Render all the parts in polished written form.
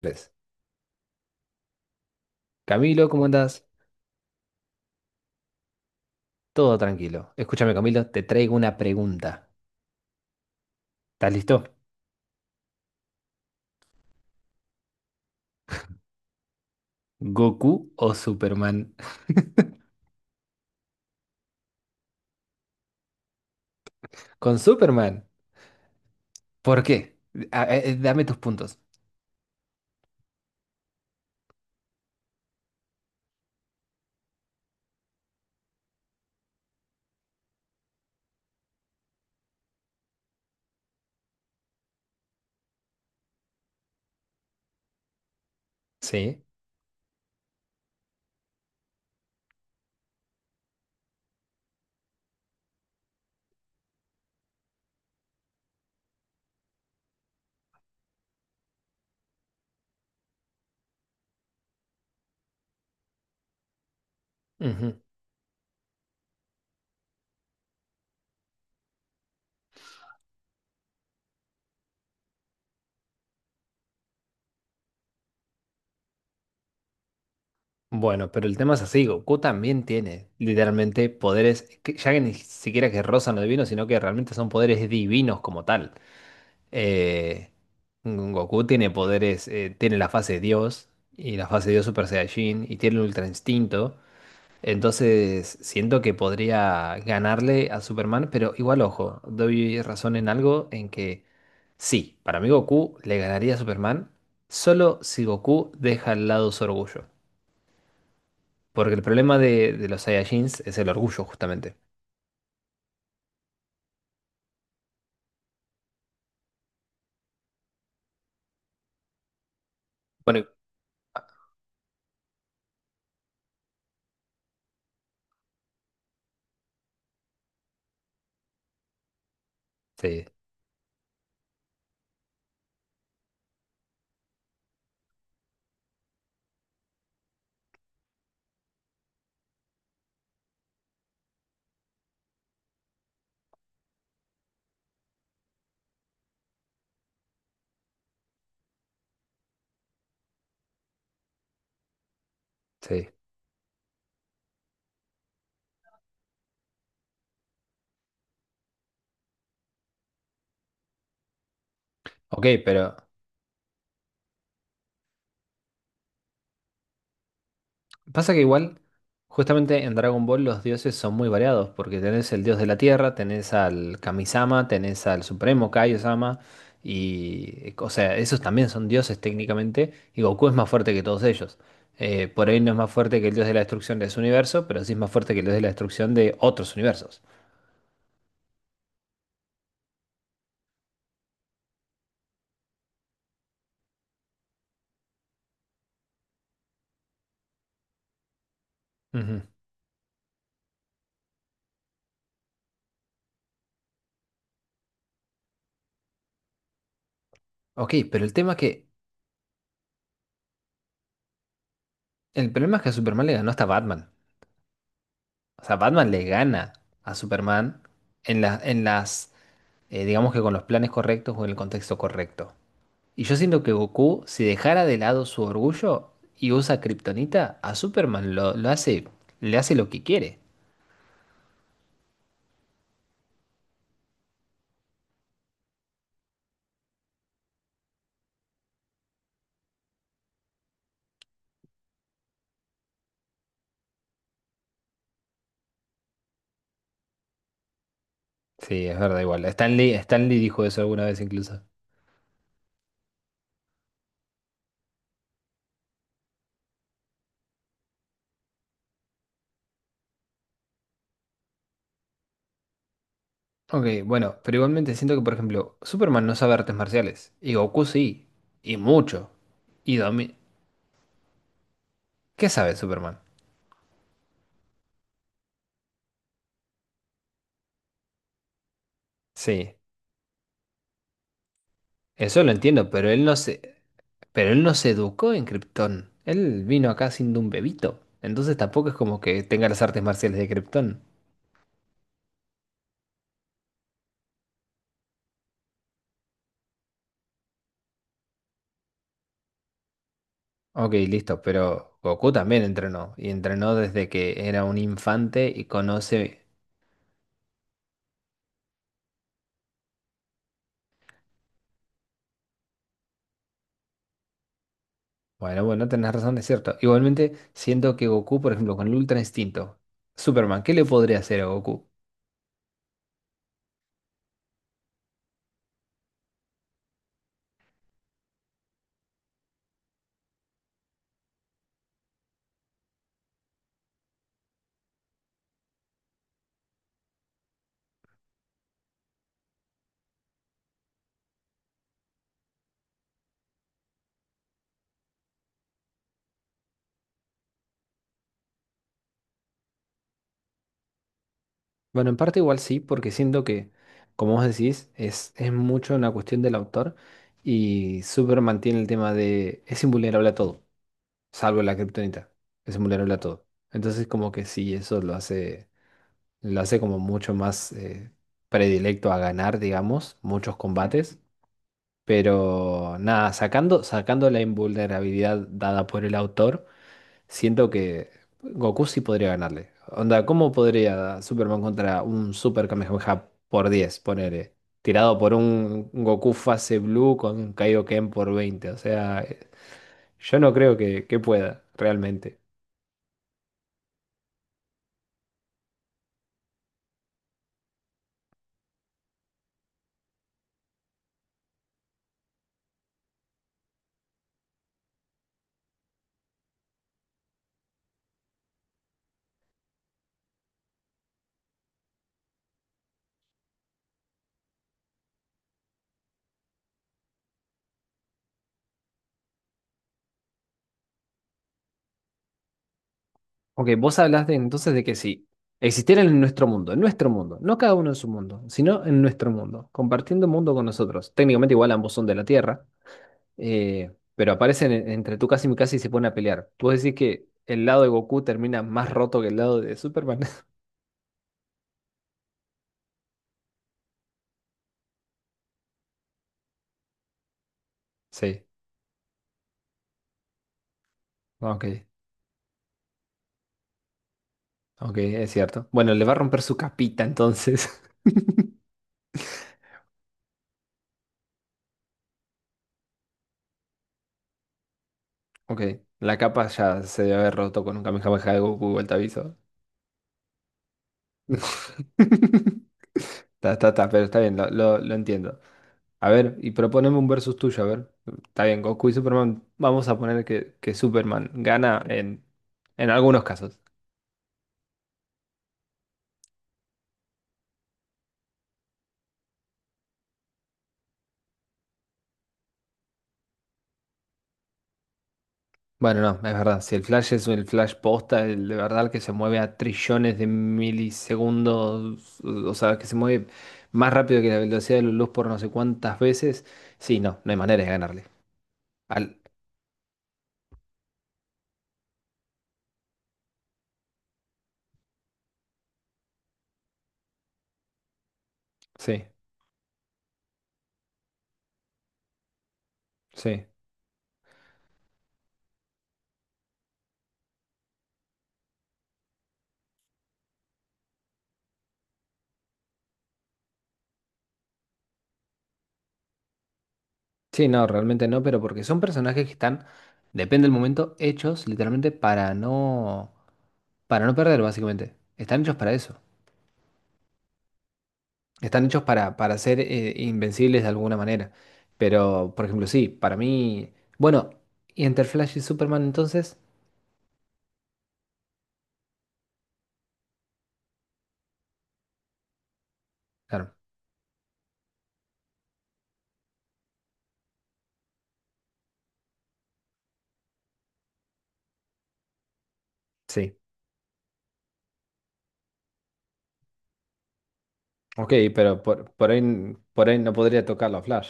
Tres. Camilo, ¿cómo andás? Todo tranquilo. Escúchame, Camilo, te traigo una pregunta. ¿Estás listo? ¿Goku o Superman? Con Superman. ¿Por qué? Dame tus puntos. Sí. Ujú. Bueno, pero el tema es así, Goku también tiene literalmente poderes, que ya que ni siquiera que rozan lo divino, sino que realmente son poderes divinos como tal. Eh, Goku tiene poderes, tiene la fase de Dios y la fase de Dios Super Saiyajin y tiene el Ultra Instinto. Entonces siento que podría ganarle a Superman, pero igual ojo, doy razón en algo en que sí, para mí Goku le ganaría a Superman solo si Goku deja al lado su orgullo. Porque el problema de los Saiyajins es el orgullo, justamente. Bueno, sí, sí. Ok, pero pasa que igual, justamente en Dragon Ball los dioses son muy variados, porque tenés el dios de la tierra, tenés al Kami-sama, tenés al supremo Kaio-sama, y, o sea, esos también son dioses técnicamente, y Goku es más fuerte que todos ellos. Por ahí no es más fuerte que el dios de la destrucción de su universo, pero sí es más fuerte que el dios de la destrucción de otros universos. Ujú. Ok, pero el tema es que el problema es que a Superman le ganó hasta Batman. O sea, Batman le gana a Superman en las, digamos, que con los planes correctos o en el contexto correcto. Y yo siento que Goku, si dejara de lado su orgullo y usa Kryptonita, a Superman lo hace, le hace lo que quiere. Sí, es verdad, igual. Stan Lee dijo eso alguna vez incluso. Ok, bueno, pero igualmente siento que, por ejemplo, Superman no sabe artes marciales. Y Goku sí. Y mucho. Y ¿qué sabe Superman? Sí. Eso lo entiendo, pero él no se educó en Krypton. Él vino acá siendo un bebito. Entonces tampoco es como que tenga las artes marciales de Krypton. Ok, listo, pero Goku también entrenó. Y entrenó desde que era un infante y conoce. Bueno, bueno, tenés razón, es cierto. Igualmente, siento que Goku, por ejemplo, con el Ultra Instinto, Superman, ¿qué le podría hacer a Goku? Bueno, en parte igual sí, porque siento que, como vos decís, es mucho una cuestión del autor y Super mantiene el tema de es invulnerable a todo, salvo la kriptonita, es invulnerable a todo. Entonces como que sí, lo hace como mucho más, predilecto a ganar, digamos, muchos combates, pero nada, sacando la invulnerabilidad dada por el autor. Siento que Goku sí podría ganarle. Onda, ¿cómo podría Superman contra un Super Kamehameha por 10, ponele? ¿Tirado por un Goku fase blue con Kaioken por 20? O sea, yo no creo que pueda, realmente. Ok, vos hablaste entonces de que sí, existieran en nuestro mundo, no cada uno en su mundo, sino en nuestro mundo, compartiendo mundo con nosotros. Técnicamente igual ambos son de la Tierra, pero aparecen entre Tsukasa y Mikasa y se ponen a pelear. ¿Vos decís que el lado de Goku termina más roto que el lado de Superman? Sí, ok, ok, es cierto. Bueno, le va a romper su capita entonces. Ok, la capa ya se debe haber roto con un Kamehameha de Goku, igual te aviso. Está, está, está, pero está bien, lo entiendo. A ver, y proponeme un versus tuyo, a ver. Está bien, Goku y Superman, vamos a poner que Superman gana en algunos casos. Bueno, no, es verdad. Si el flash es el flash posta, el de verdad que se mueve a trillones de milisegundos, o sea, que se mueve más rápido que la velocidad de la luz por no sé cuántas veces, sí, no, no hay manera de ganarle. Al... Sí, sí. Sí, no, realmente no, pero porque son personajes que están, depende del momento, hechos literalmente para no perder, básicamente. Están hechos para eso. Están hechos para ser, invencibles de alguna manera. Pero, por ejemplo, sí, para mí. Bueno, ¿y entre Flash y Superman entonces? Claro, sí. Ok, pero por ahí, por ahí no podría tocarlo a Flash.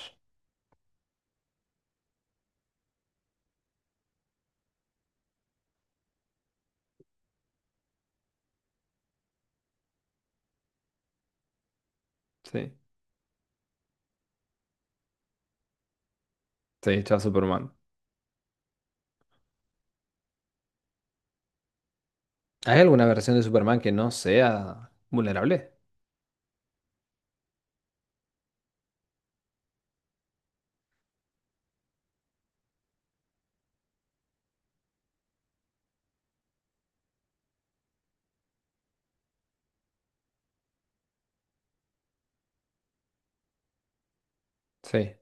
Sí, sí, está Superman. ¿Hay alguna versión de Superman que no sea vulnerable? Sí.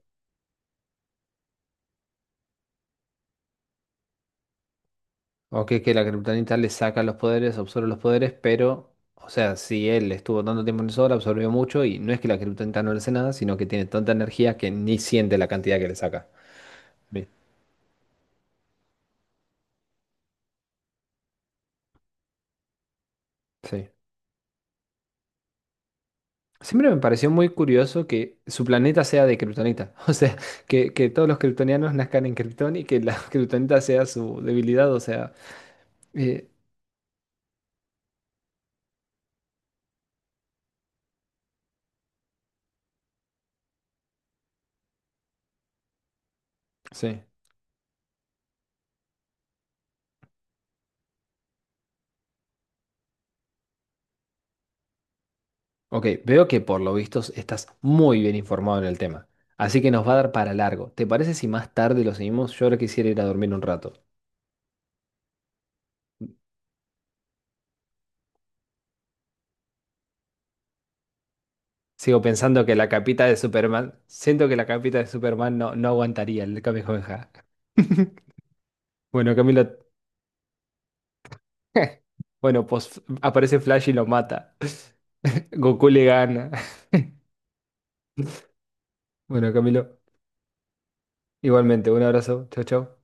Ok, que la Kryptonita le saca los poderes, absorbe los poderes, pero. O sea, si él estuvo tanto tiempo en el sol, absorbió mucho y no es que la Kryptonita no le hace nada, sino que tiene tanta energía que ni siente la cantidad que le saca. Sí. Siempre me pareció muy curioso que su planeta sea de Kryptonita. O sea, que todos los kryptonianos nazcan en Krypton y que la Kryptonita sea su debilidad. O sea, eh, sí. Ok, veo que por lo visto estás muy bien informado en el tema. Así que nos va a dar para largo. ¿Te parece si más tarde lo seguimos? Yo ahora quisiera ir a dormir un rato. Sigo pensando que la capita de Superman. Siento que la capita de Superman no, no aguantaría el Kamehameha. Bueno, Camilo, bueno, pues aparece Flash y lo mata. Goku le gana. Bueno, Camilo, igualmente, un abrazo. Chau, chau.